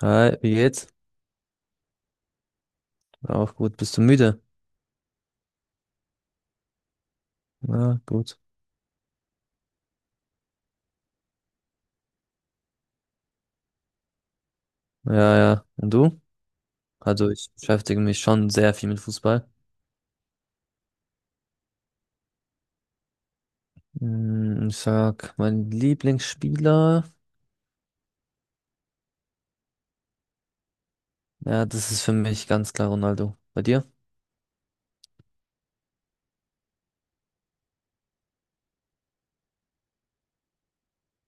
Hi, wie geht's? Auch gut. Bist du müde? Ja, gut. Ja, ja. Und du? Also ich beschäftige mich schon sehr viel mit Fußball. Hm, ich sag, mein Lieblingsspieler, ja, das ist für mich ganz klar Ronaldo. Bei dir?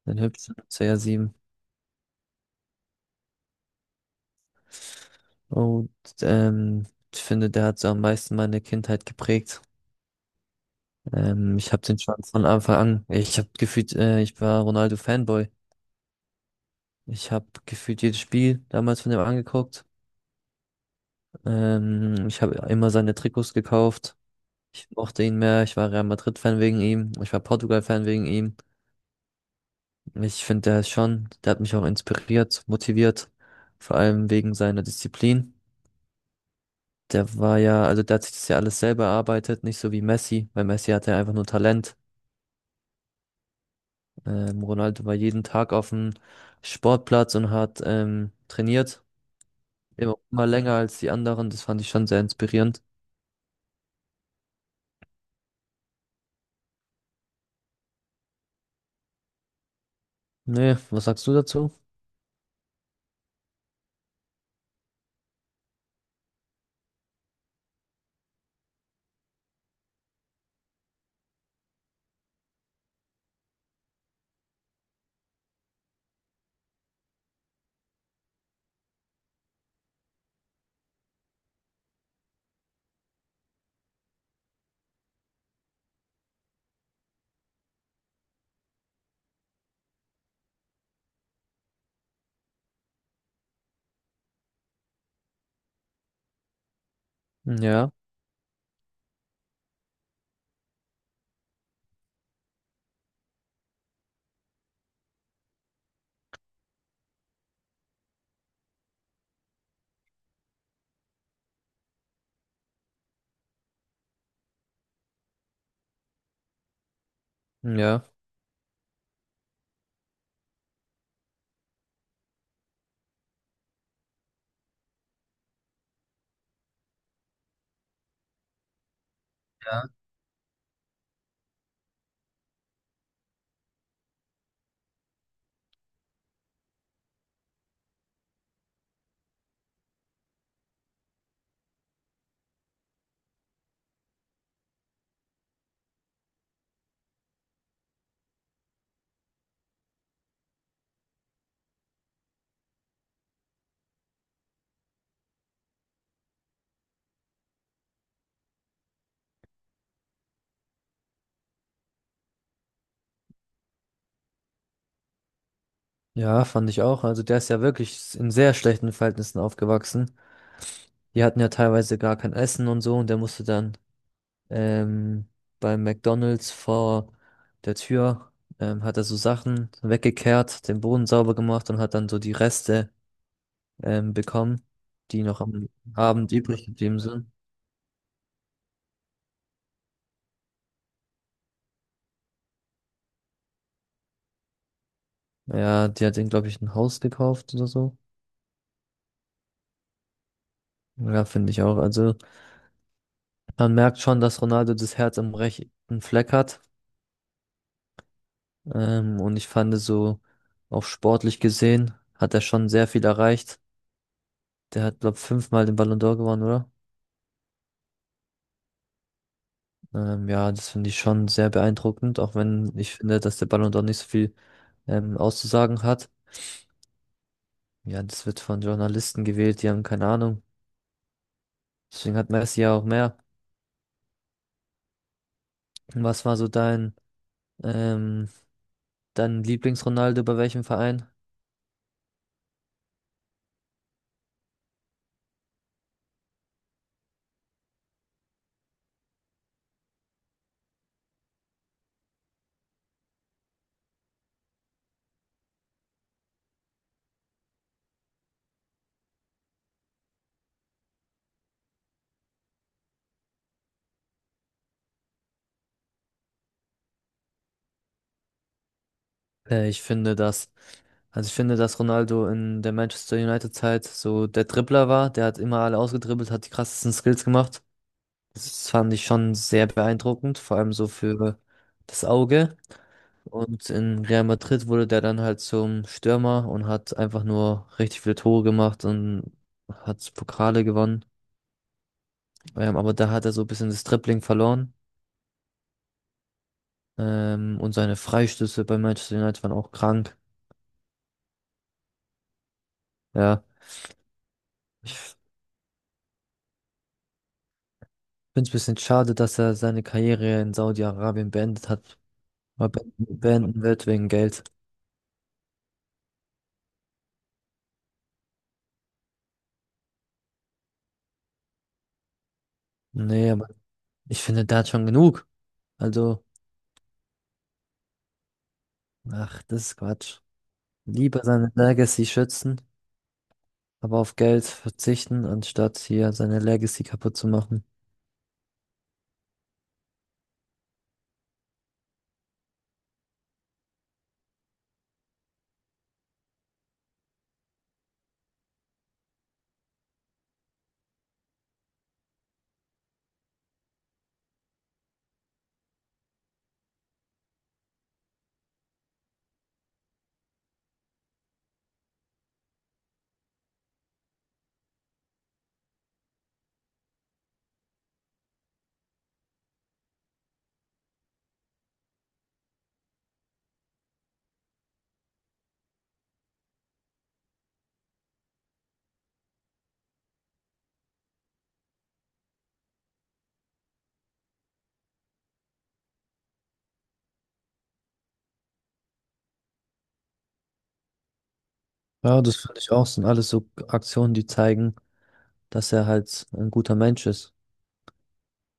Den hübschen CR7. Und ähm, Ich finde, der hat so am meisten meine Kindheit geprägt. Ich habe den schon von Anfang an. Ich habe gefühlt, ich war Ronaldo Fanboy. Ich habe gefühlt jedes Spiel damals von dem angeguckt. Ich habe immer seine Trikots gekauft. Ich mochte ihn mehr. Ich war Real Madrid-Fan wegen ihm. Ich war Portugal-Fan wegen ihm. Ich finde, der ist schon, der hat mich auch inspiriert, motiviert. Vor allem wegen seiner Disziplin. Der war ja, also der hat sich das ja alles selber erarbeitet, nicht so wie Messi, weil Messi hatte einfach nur Talent. Ronaldo war jeden Tag auf dem Sportplatz und hat trainiert. Immer länger als die anderen. Das fand ich schon sehr inspirierend. Nee, was sagst du dazu? Ja, ja. Ja, fand ich auch. Also der ist ja wirklich in sehr schlechten Verhältnissen aufgewachsen. Die hatten ja teilweise gar kein Essen und so und der musste dann ähm, beim McDonald's vor der Tür, hat er so Sachen weggekehrt, den Boden sauber gemacht und hat dann so die Reste bekommen, die noch am Abend übrig geblieben sind. Ja, die hat den, glaube ich, ein Haus gekauft oder so. Ja, finde ich auch. Also man merkt schon, dass Ronaldo das Herz am rechten Fleck hat. Und ich fand so, auch sportlich gesehen, hat er schon sehr viel erreicht. Der hat, glaube ich, 5-mal den Ballon d'Or gewonnen, oder? Ja, das finde ich schon sehr beeindruckend, auch wenn ich finde, dass der Ballon d'Or nicht so viel auszusagen hat. Ja, das wird von Journalisten gewählt, die haben keine Ahnung. Deswegen hat Messi ja auch mehr. Was war so dein, ähm, dein Lieblings-Ronaldo bei welchem Verein? Ich finde, dass ich finde, dass Ronaldo in der Manchester United-Zeit so der Dribbler war. Der hat immer alle ausgedribbelt, hat die krassesten Skills gemacht. Das fand ich schon sehr beeindruckend, vor allem so für das Auge. Und in Real Madrid wurde der dann halt zum Stürmer und hat einfach nur richtig viele Tore gemacht und hat Pokale gewonnen. Aber da hat er so ein bisschen das Dribbling verloren. Und seine Freistöße bei Manchester United waren auch krank. Ja. Finde es ein bisschen schade, dass er seine Karriere in Saudi-Arabien beendet hat. Mal beenden wird wegen Geld. Nee, aber ich finde, der hat schon genug. Also, ach, das ist Quatsch. Lieber seine Legacy schützen, aber auf Geld verzichten, anstatt hier seine Legacy kaputt zu machen. Ja, das finde ich auch. Sind alles so Aktionen, die zeigen, dass er halt ein guter Mensch ist.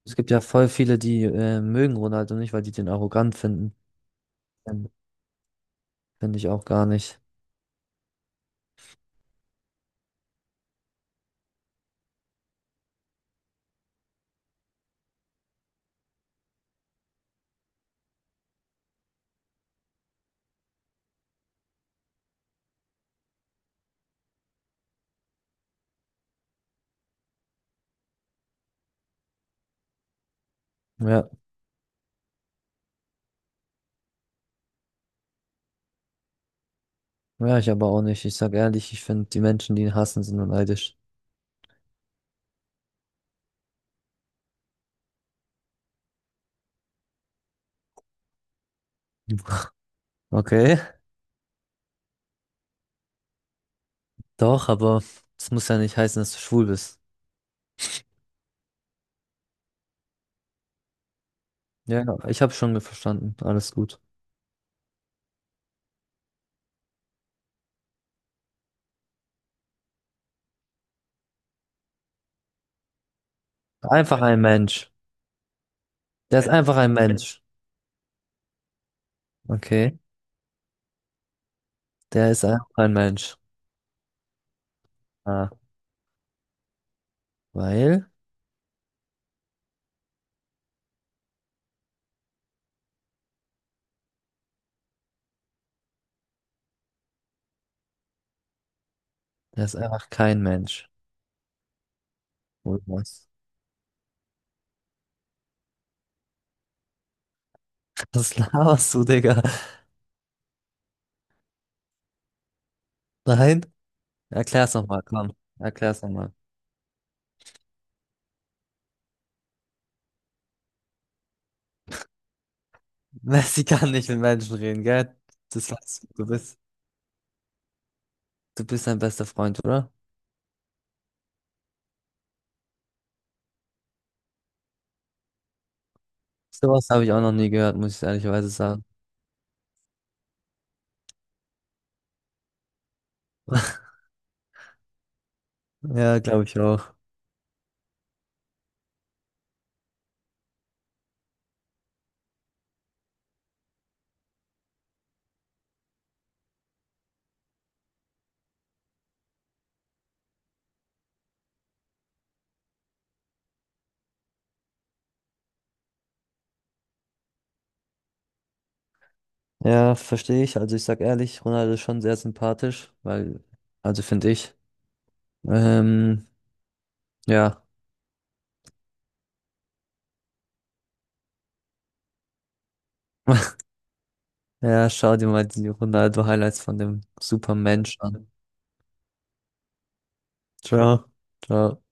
Es gibt ja voll viele, die mögen Ronaldo nicht, weil die den arrogant finden. Finde ich auch gar nicht. Ja. Ja, ich aber auch nicht. Ich sag ehrlich, ich finde, die Menschen, die ihn hassen, sind nur neidisch. Okay, doch, aber das muss ja nicht heißen, dass du schwul bist. Ja, ich habe schon verstanden. Alles gut. Einfach ein Mensch. Der ist einfach ein Mensch. Okay, der ist einfach ein Mensch. Ah, weil der ist einfach kein Mensch. Oder was? Das laberst du, Digga. Nein? Erklär's nochmal, komm. Erklär's nochmal. Messi kann nicht mit Menschen reden, gell? Das weißt du. Du bist sein bester Freund, oder? Sowas habe ich auch noch nie gehört, muss ich ehrlicherweise sagen. Ja, glaube ich auch. Ja, verstehe ich. Also ich sag ehrlich, Ronaldo ist schon sehr sympathisch, weil finde ich. Ähm, ja. Ja, schau dir mal die Ronaldo-Highlights von dem Supermensch an. Ciao. Ciao.